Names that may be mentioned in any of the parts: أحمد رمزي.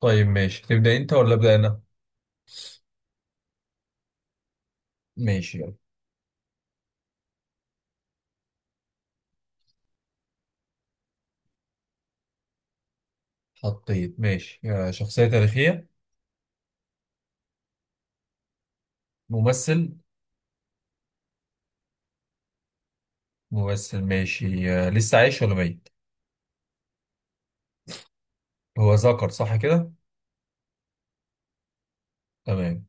طيب ماشي، تبدأ انت ولا أبدأ انا؟ ماشي يلا. حطيت، ماشي. شخصية تاريخية؟ ممثل؟ ممثل ماشي. لسه عايش ولا ميت؟ هو ذكر صح كده؟ تمام.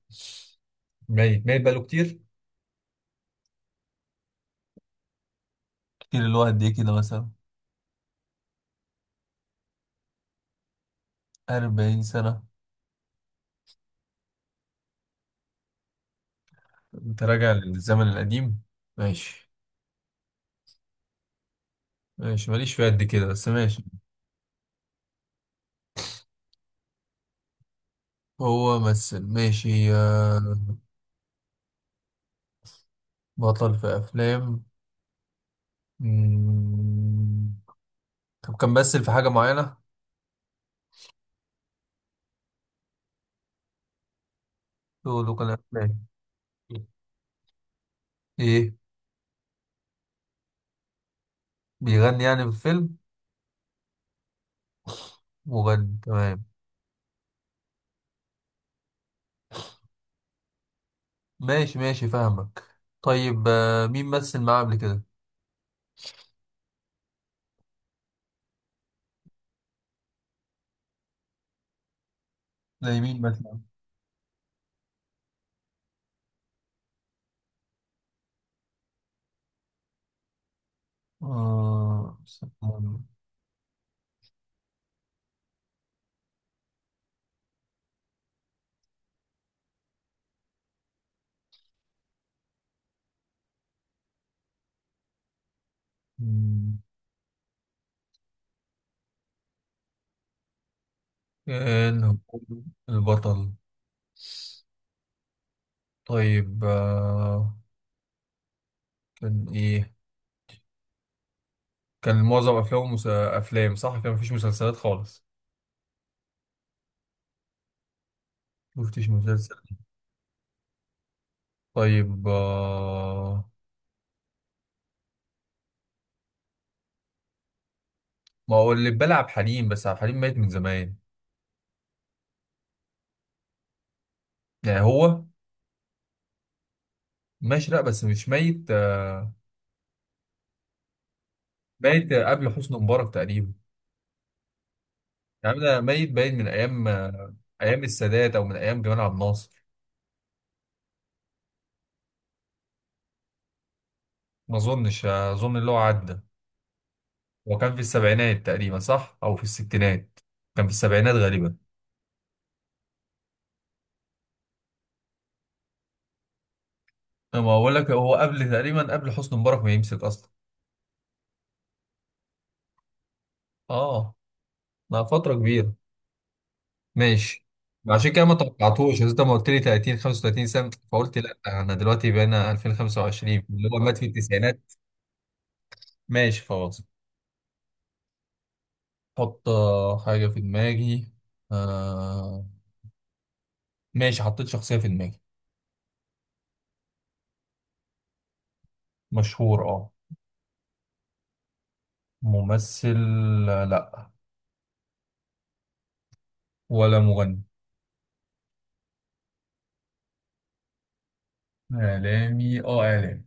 ميت، ميت بقاله كتير؟ كتير اللي هو قد ايه كده مثلا؟ 40 سنة؟ انت راجع للزمن القديم. ماشي ماشي، ماليش في قد كده بس ماشي. هو ممثل ماشي. بطل في أفلام. مم. طب كان ممثل في حاجة معينة؟ له كان أفلام؟ ايه، بيغني يعني في الفيلم؟ مغني، تمام. ماشي ماشي فاهمك. طيب مين مثل معاه قبل كده؟ زي مين مثلا؟ آه استنى. مم، كان هو البطل؟ طيب آه، كان ايه، كان معظم افلامه افلام؟ صح، كان مفيش مسلسلات خالص؟ مفتش مسلسل. طيب آه. ما هو اللي بلعب عبد الحليم، بس عبد الحليم ميت من زمان يعني. هو ماشي، لا بس مش ميت آه، ميت قبل حسني مبارك تقريبا. يعني ده ميت باين من ايام، ايام السادات او من ايام جمال عبد الناصر. ما اظنش، اظن اللي هو عدى. هو كان في السبعينات تقريبا صح، او في الستينات؟ كان في السبعينات غالبا. ما اقول لك، هو قبل تقريبا قبل حسني مبارك ما يمسك اصلا. اه. لا فتره كبيره. ماشي. عشان كده ما توقعتوش، أصل انت ما قلت لي 30 35 سنه، فقلت لا، انا دلوقتي بقينا 2025 اللي هو مات في التسعينات. ماشي خلاص. حط حاجه في دماغي. آه ماشي، حطيت شخصيه في دماغي. مشهور اه. ممثل؟ آه، لا. ولا مغني. اعلامي؟ اه اعلامي.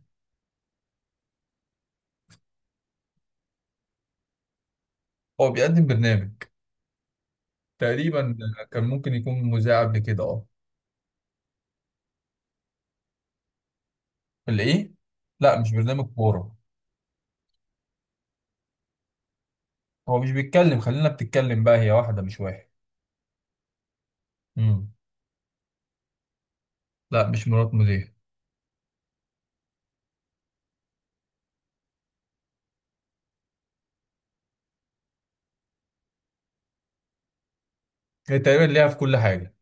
هو بيقدم برنامج تقريبا. كان ممكن يكون مذيع قبل كده اه. الايه؟ لا مش برنامج كورة. هو مش بيتكلم، خلينا بتتكلم بقى، هي واحدة مش واحد. امم لا مش مرات مذيع. هي تقريبا ليها في كل حاجة.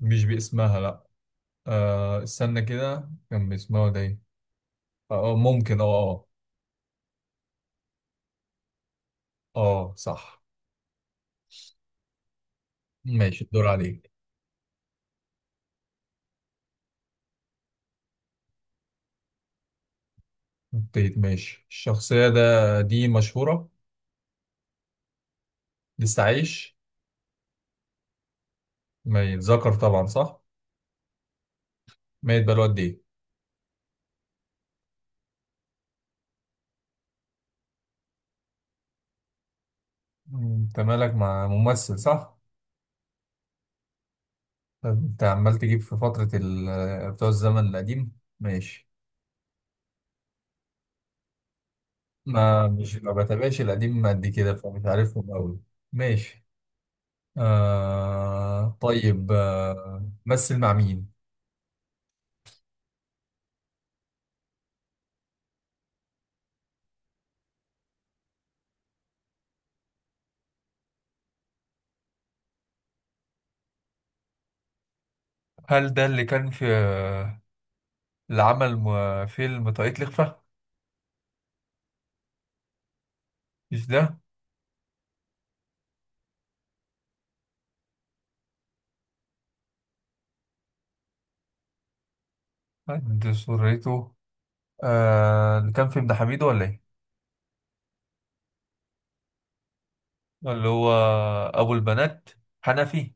مش باسمها لا. آه استنى كده، كان باسمها ده ايه؟ اه ممكن، اه اه. اه صح. ماشي الدور عليك. ابتديت ماشي. الشخصية دي مشهورة. لسه عايش؟ ميت. ذكر طبعا صح. ميت بقاله قد ايه؟ انت مالك مع ممثل صح؟ طب انت عمال تجيب في فترة بتوع الزمن القديم. ماشي. ما مش ما بتابعش القديم قد كده فمش عارفهم قوي. ماشي. آه طيب آه، مثل مع مين؟ هل ده اللي كان في، اللي عمل فيلم طاقية الإخفاء؟ مش ده؟ عند سرته. آه اللي كان في ابن حميدو ولا ايه؟ اللي هو أبو البنات، حنفي؟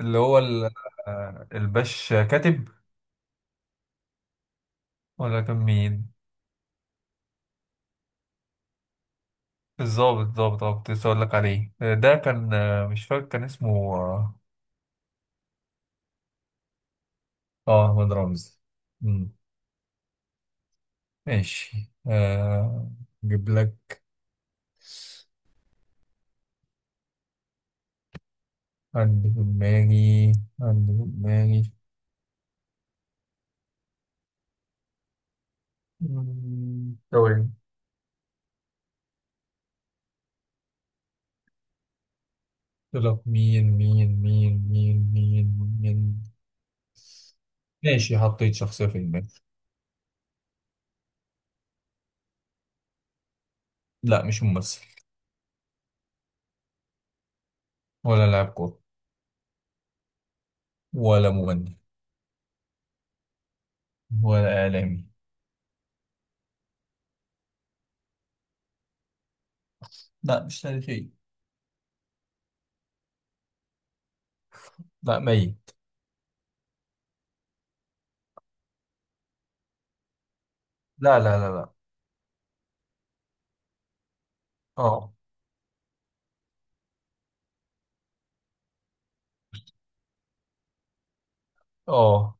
اللي هو آه، الباش كاتب؟ ولا كان مين، الظابط؟ الظابط اه، كنت لسه أقول لك عليه آه، ده كان آه، مش فاكر كان اسمه اه. آه، أحمد رمزي. مم، ماشي آه، أجيب لك. عندي في دماغي، عندي في دماغي. ثواني. قلت لك، مين. ماشي حطيت شخصية في دماغي. لا مش ممثل. ولا لاعب كورة. ولا مغني. ولا إعلامي. لا مش تاريخي. لا ميت. لا لا لا لا. اه. اه.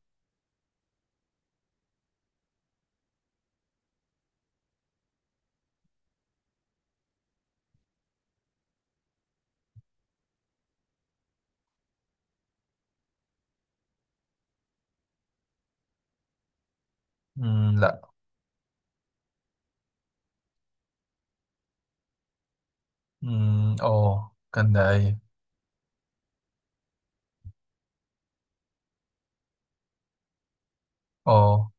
لا. اه كان داعية. اه.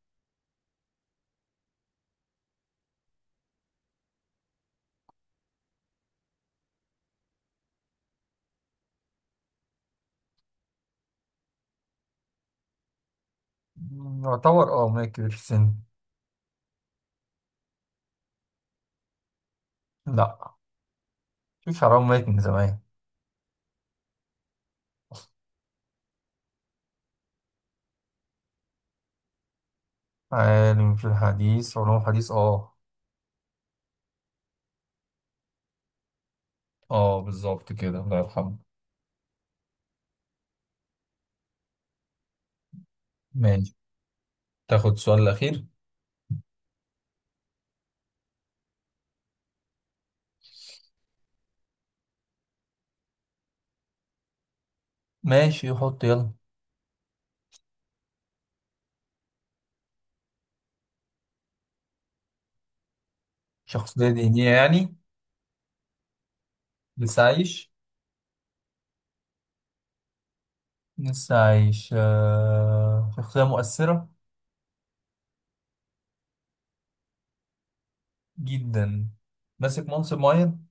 يعتبر اه ميت كبير في السن. لا، في حرام، ميت من زمان. عالم في الحديث، علوم حديث اه. اه بالظبط كده، الله يرحمه. ماشي. تاخد السؤال الأخير. ماشي حط يلا. شخصية دينية يعني؟ لسه عايش. لسه عايش آه. شخصية مؤثرة جدا. ماسك منصب معين؟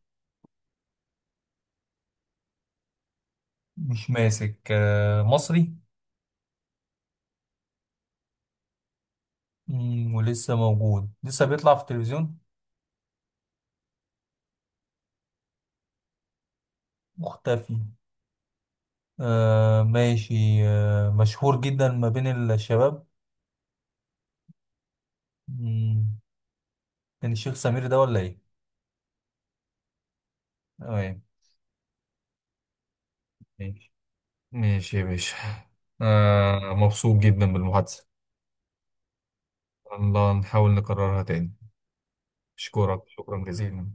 مش ماسك. آه، مصري. ولسه موجود، لسه بيطلع في التلفزيون؟ مختفي. آه ماشي. آه مشهور جدا ما بين الشباب. مم، كان الشيخ سمير ده ولا ايه؟ تمام. ماشي. ماشي يا باشا، آه مبسوط جدا بالمحادثة. الله، نحاول نكررها تاني. أشكرك شكرا جزيلا.